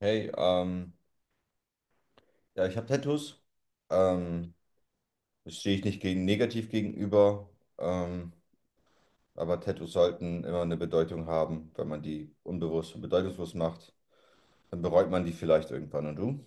Hey, ja, ich habe Tattoos. Ähm, das stehe ich nicht gegen negativ gegenüber. Ähm, aber Tattoos sollten immer eine Bedeutung haben. Wenn man die unbewusst und bedeutungslos macht, dann bereut man die vielleicht irgendwann. Und du?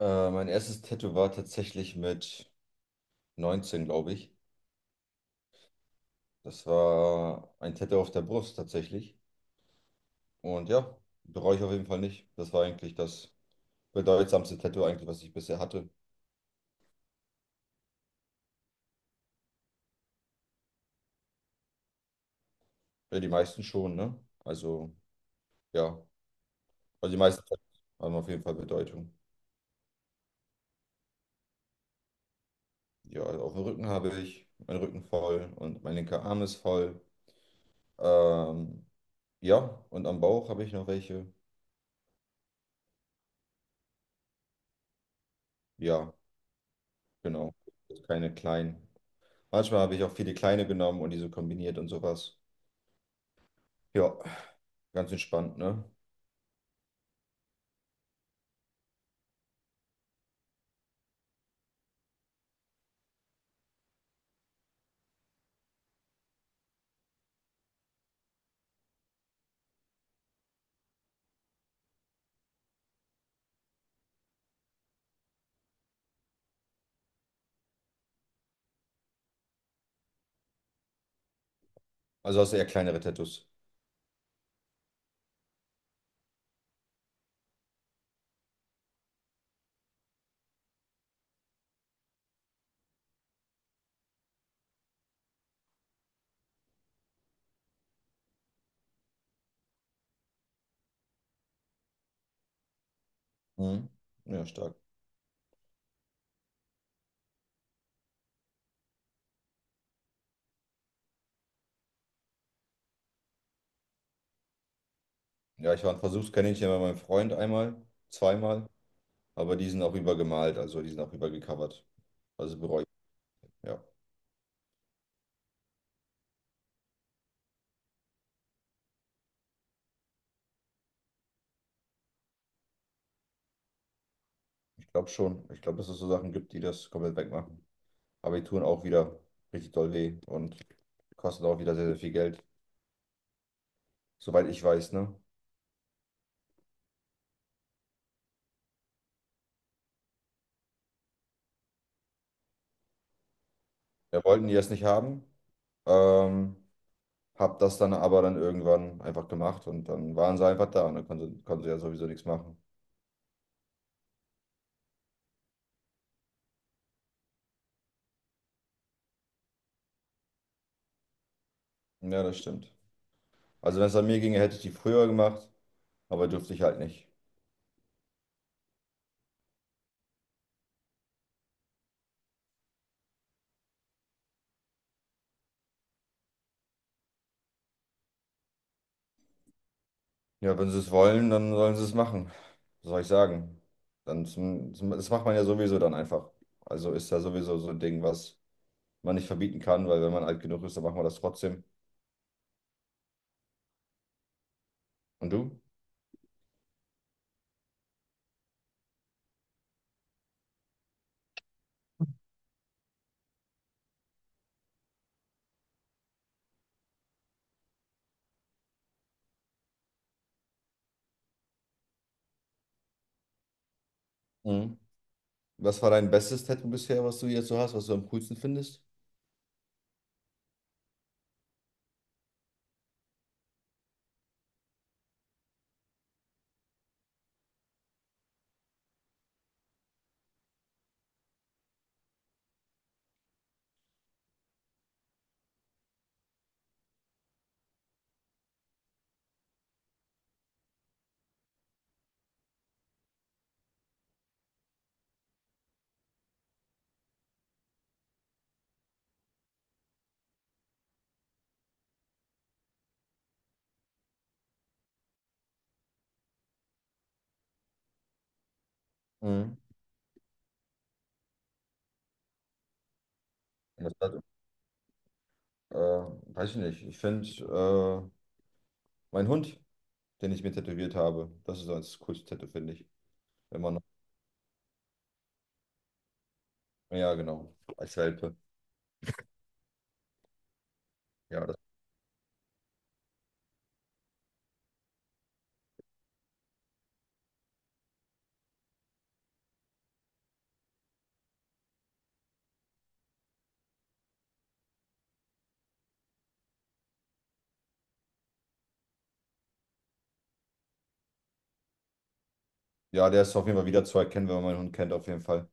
Mein erstes Tattoo war tatsächlich mit 19, glaube ich. Das war ein Tattoo auf der Brust tatsächlich. Und ja, bereue ich auf jeden Fall nicht. Das war eigentlich das bedeutsamste Tattoo eigentlich, was ich bisher hatte. Ja, die meisten schon, ne? Also, ja. Also die meisten haben auf jeden Fall Bedeutung. Ja, also auf dem Rücken habe ich meinen Rücken voll und mein linker Arm ist voll. Ähm, ja, und am Bauch habe ich noch welche. Ja, genau. Keine kleinen. Manchmal habe ich auch viele kleine genommen und diese kombiniert und sowas. Ja, ganz entspannt, ne? Also hast du eher kleinere Tattoos. Mhm. Ja, stark. Ja, ich war ein Versuchskaninchen bei meinem Freund einmal, zweimal, aber die sind auch übergemalt, also die sind auch übergecovert. Also bereue ich. Ja. Ich glaube schon. Ich glaube, dass es so Sachen gibt, die das komplett wegmachen. Aber die tun auch wieder richtig doll weh und kosten auch wieder sehr, sehr viel Geld. Soweit ich weiß, ne? Wir wollten die erst nicht haben, ähm, hab das dann aber dann irgendwann einfach gemacht und dann waren sie einfach da und dann konnten sie ja sowieso nichts machen. Ja, das stimmt. Also wenn es an mir ginge, hätte ich die früher gemacht, aber durfte ich halt nicht. Ja, wenn sie es wollen, dann sollen sie es machen. Was soll ich sagen? Das macht man ja sowieso dann einfach. Also ist ja sowieso so ein Ding, was man nicht verbieten kann, weil wenn man alt genug ist, dann machen wir das trotzdem. Und du? Mhm. Was war dein bestes Tattoo bisher, was du jetzt so hast, was du am coolsten findest? Mhm. Das hat, äh, weiß ich nicht. Ich finde mein Hund, den ich mir tätowiert habe, das ist so das coolste Tattoo, finde ich. Wenn man noch, ja, genau, als Welpe. Ja, das, ja, der ist auf jeden Fall wieder zu erkennen, wenn man meinen Hund kennt, auf jeden Fall.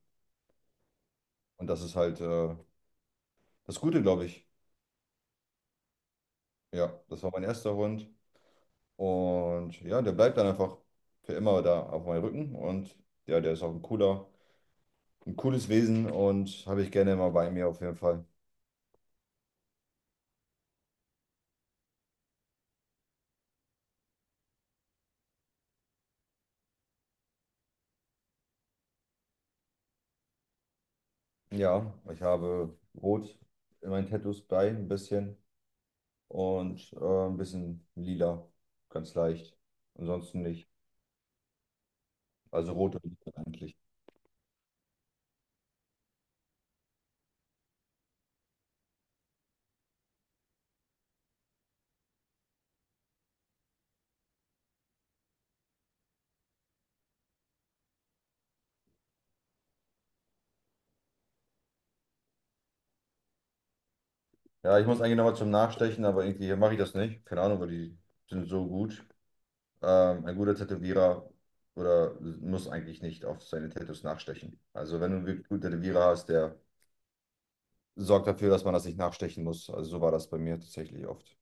Und das ist halt das Gute, glaube ich. Ja, das war mein erster Hund. Und ja, der bleibt dann einfach für immer da auf meinem Rücken. Und ja, der ist auch ein cooles Wesen und habe ich gerne immer bei mir auf jeden Fall. Ja, ich habe Rot in meinen Tattoos bei, ein bisschen. Und ein bisschen lila, ganz leicht. Ansonsten nicht. Also rot und lila eigentlich. Ja, ich muss eigentlich nochmal zum Nachstechen, aber irgendwie mache ich das nicht. Keine Ahnung, weil die sind so gut. Ein guter Tätowierer oder muss eigentlich nicht auf seine Tattoos nachstechen. Also wenn du einen wirklich guten Tätowierer hast, der sorgt dafür, dass man das nicht nachstechen muss. Also so war das bei mir tatsächlich oft.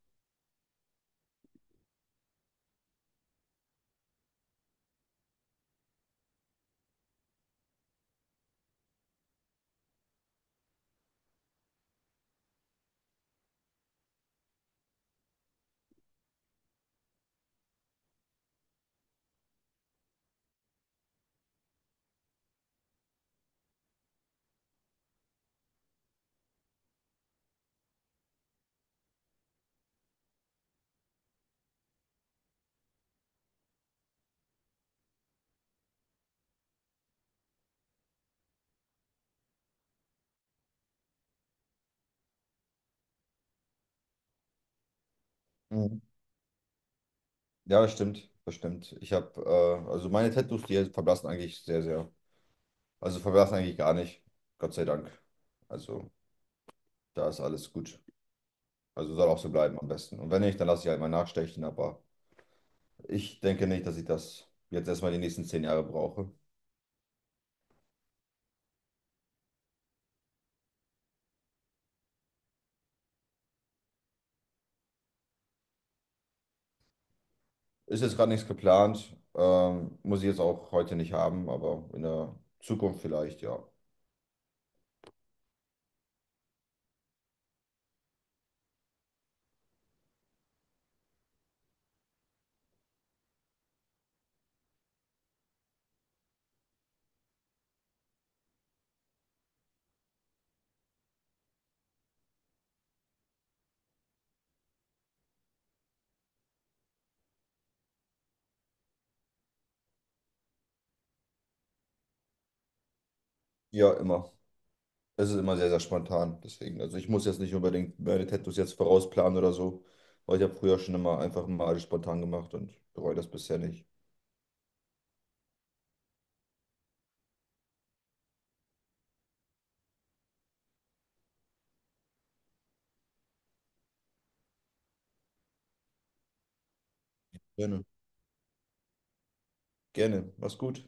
Mhm. Ja, das stimmt. Also meine Tattoos, die verblassen eigentlich sehr, sehr. Also verblassen eigentlich gar nicht. Gott sei Dank. Also da ist alles gut. Also soll auch so bleiben am besten. Und wenn nicht, dann lasse ich halt mal nachstechen. Aber ich denke nicht, dass ich das jetzt erstmal die nächsten 10 Jahre brauche. Ist jetzt gerade nichts geplant. Muss ich jetzt auch heute nicht haben, aber in der Zukunft vielleicht, ja. Ja, immer. Es ist immer sehr, sehr spontan. Deswegen, also ich muss jetzt nicht unbedingt meine Tattoos jetzt vorausplanen oder so, weil ich habe früher schon immer einfach mal alles spontan gemacht und bereue das bisher nicht. Gerne. Gerne. Mach's gut.